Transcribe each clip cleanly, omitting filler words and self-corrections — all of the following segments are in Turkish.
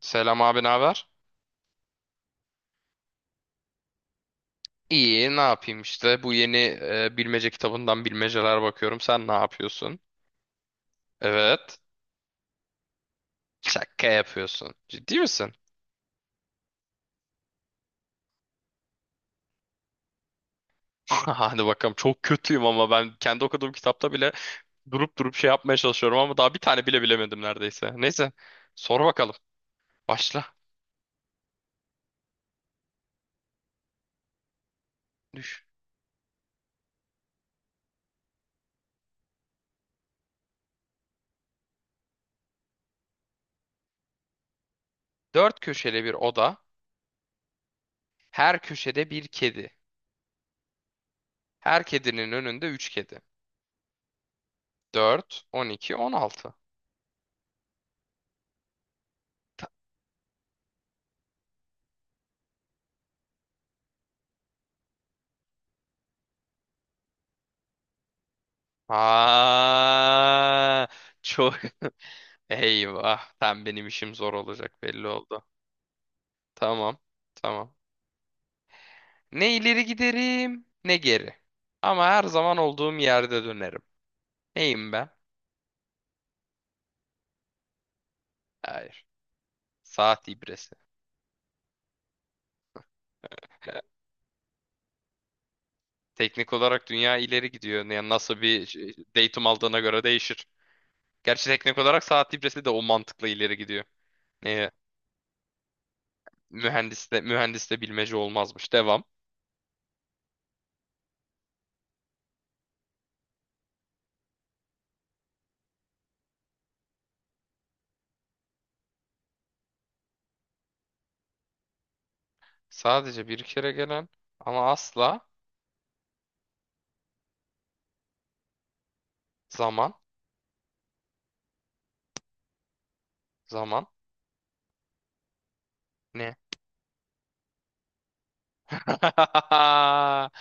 Selam abi, ne haber? İyi, ne yapayım işte. Bu yeni bilmece kitabından bilmeceler bakıyorum. Sen ne yapıyorsun? Evet. Şaka yapıyorsun. Ciddi misin? Hadi bakalım. Çok kötüyüm ama ben kendi okuduğum kitapta bile durup şey yapmaya çalışıyorum ama daha bir tane bile bilemedim neredeyse. Neyse, sor bakalım. Başla. Düş. Dört köşeli bir oda. Her köşede bir kedi. Her kedinin önünde üç kedi. Dört, 12, 16. Ta- Aa, çok eyvah. Tam benim işim zor olacak belli oldu. Tamam. Tamam. Ne ileri giderim ne geri. Ama her zaman olduğum yerde dönerim. Neyim ben? Hayır. Saat ibresi. Teknik olarak dünya ileri gidiyor. Yani datum aldığına göre değişir. Gerçi teknik olarak saat ibresi de o mantıkla ileri gidiyor. Ee, mühendis de bilmece olmazmış. Devam. Sadece bir kere gelen ama asla zaman zaman ne?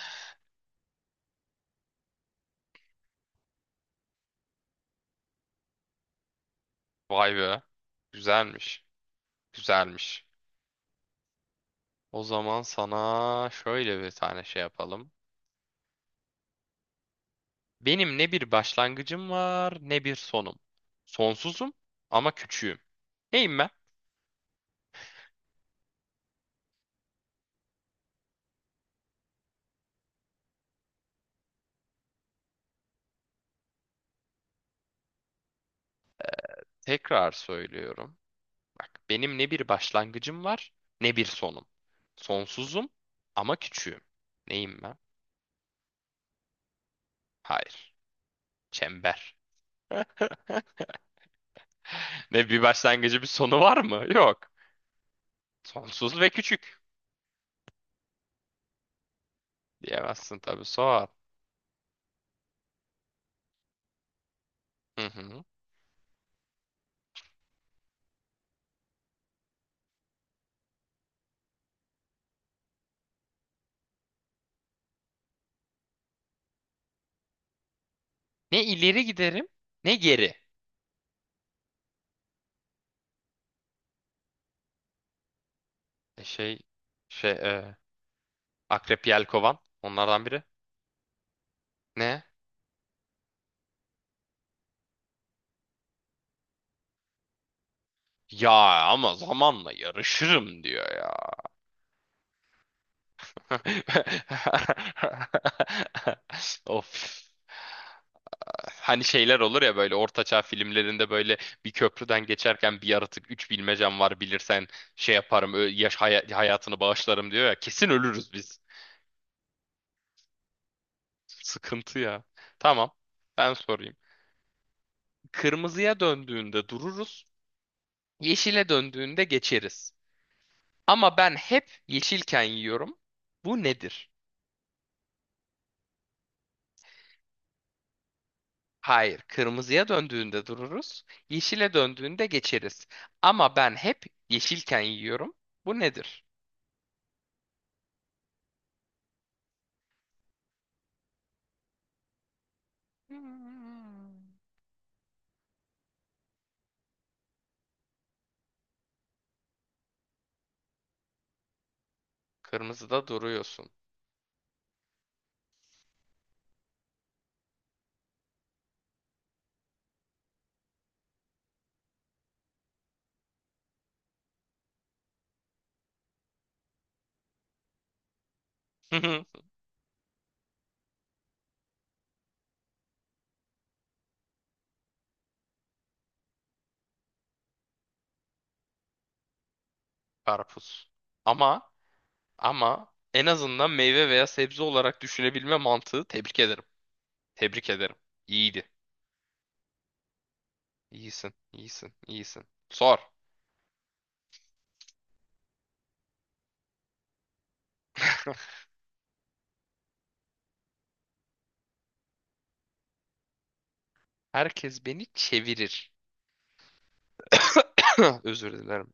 Vay be. Güzelmiş. Güzelmiş. O zaman sana şöyle bir tane şey yapalım. Benim ne bir başlangıcım var ne bir sonum. Sonsuzum ama küçüğüm. Neyim ben? Tekrar söylüyorum. Bak benim ne bir başlangıcım var ne bir sonum. Sonsuzum ama küçüğüm. Neyim ben? Hayır. Çember. Ne bir başlangıcı bir sonu var mı? Yok. Sonsuz ve küçük. Diyemezsin tabii, sor. Hı hı. Ne ileri giderim ne geri. E şey şey e, Akrep, Yelkovan onlardan biri. Ne? Ya ama zamanla yarışırım diyor ya. Of. Hani şeyler olur ya böyle ortaçağ filmlerinde böyle bir köprüden geçerken bir yaratık üç bilmecem var, bilirsen şey yaparım hayatını bağışlarım diyor ya, kesin ölürüz biz. Sıkıntı ya. Tamam, ben sorayım. Kırmızıya döndüğünde dururuz. Yeşile döndüğünde geçeriz. Ama ben hep yeşilken yiyorum. Bu nedir? Hayır, kırmızıya döndüğünde dururuz. Yeşile döndüğünde geçeriz. Ama ben hep yeşilken yiyorum. Bu nedir? Hmm. Kırmızıda duruyorsun. Karpuz. Ama ama en azından meyve veya sebze olarak düşünebilme mantığı, tebrik ederim. Tebrik ederim. İyiydi. İyisin, iyisin, iyisin. Sor. Herkes beni çevirir. Özür dilerim.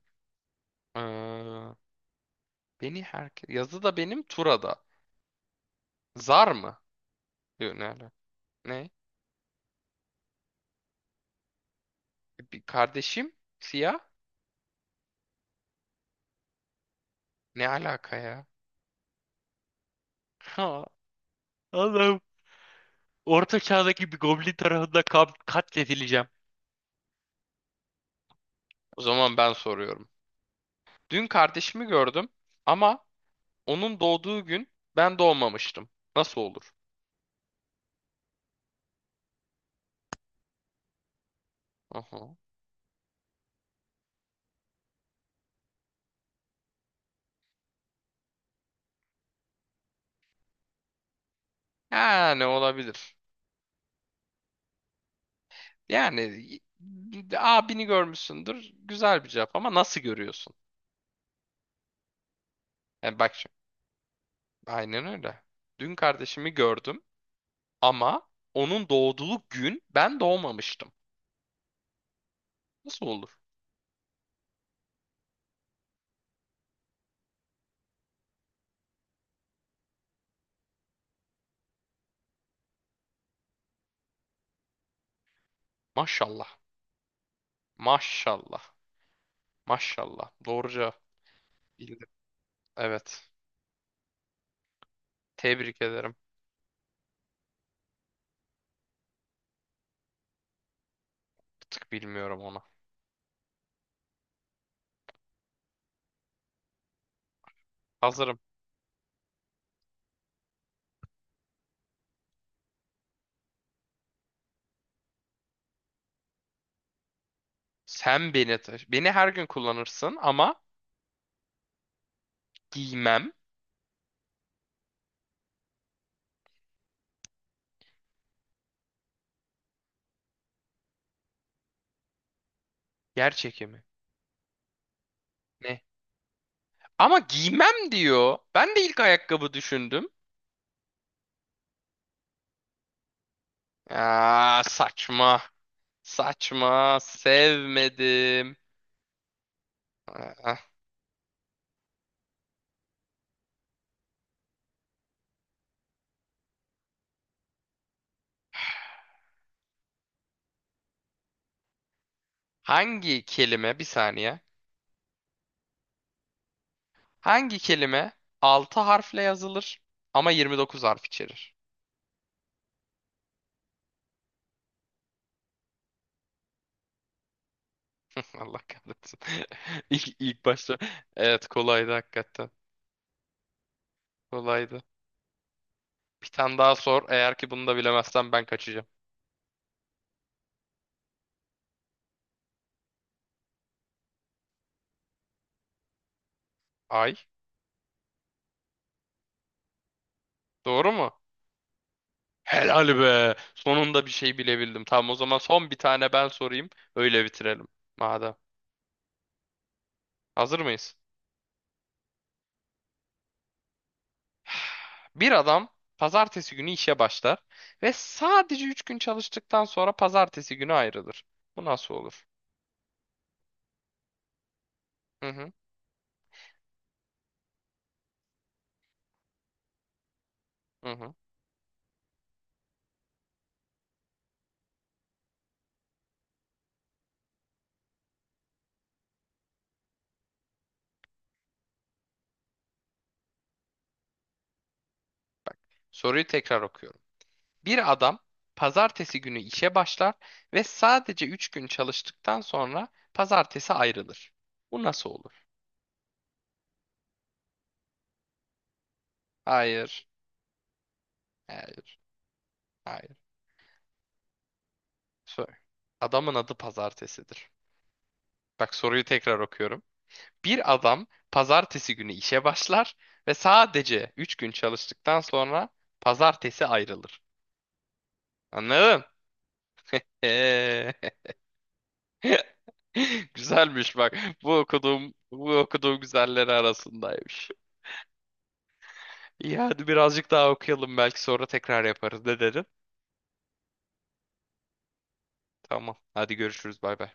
Ee, beni herkes... Yazı da benim, Tura da. Zar mı? Yok, ne alaka? Ne? Bir kardeşim? Siyah? Ne alaka ya? Ha, Allah'ım. Orta çağdaki bir goblin tarafından katledileceğim. O zaman ben soruyorum. Dün kardeşimi gördüm ama onun doğduğu gün ben doğmamıştım. Nasıl olur? Aha. Yani olabilir. Yani y- abini görmüşsündür. Güzel bir cevap ama nasıl görüyorsun? Yani bak, aynen öyle. Dün kardeşimi gördüm ama onun doğduğu gün ben doğmamıştım. Nasıl olur? Maşallah. Maşallah. Maşallah. Doğru cevap. Bildim. Evet. Tebrik ederim. Bir tık bilmiyorum ona. Hazırım. Sen beni taş. Beni her gün kullanırsın ama giymem. Yer çekimi. Ne? Ama giymem diyor. Ben de ilk ayakkabı düşündüm. Aa, saçma. Saçma. Sevmedim. Hangi kelime, bir saniye. Hangi kelime 6 harfle yazılır ama 29 harf içerir? Allah kahretsin. İlk başta. Evet, kolaydı hakikaten. Kolaydı. Bir tane daha sor. Eğer ki bunu da bilemezsem ben kaçacağım. Ay. Doğru mu? Helal be. Sonunda bir şey bilebildim. Tamam, o zaman son bir tane ben sorayım. Öyle bitirelim. Madem. Hazır mıyız? Bir adam pazartesi günü işe başlar ve sadece 3 gün çalıştıktan sonra pazartesi günü ayrılır. Bu nasıl olur? Hı hı, hı hı. Soruyu tekrar okuyorum. Bir adam pazartesi günü işe başlar ve sadece 3 gün çalıştıktan sonra pazartesi ayrılır. Bu nasıl olur? Hayır, hayır, hayır. Sor. Adamın adı pazartesidir. Bak, soruyu tekrar okuyorum. Bir adam pazartesi günü işe başlar ve sadece 3 gün çalıştıktan sonra pazartesi ayrılır. Anladın? Ee, güzelmiş bak. Bu okuduğum güzelleri arasındaymış. İyi, hadi birazcık daha okuyalım, belki sonra tekrar yaparız. Ne dedin? Tamam. Hadi görüşürüz. Bay bay.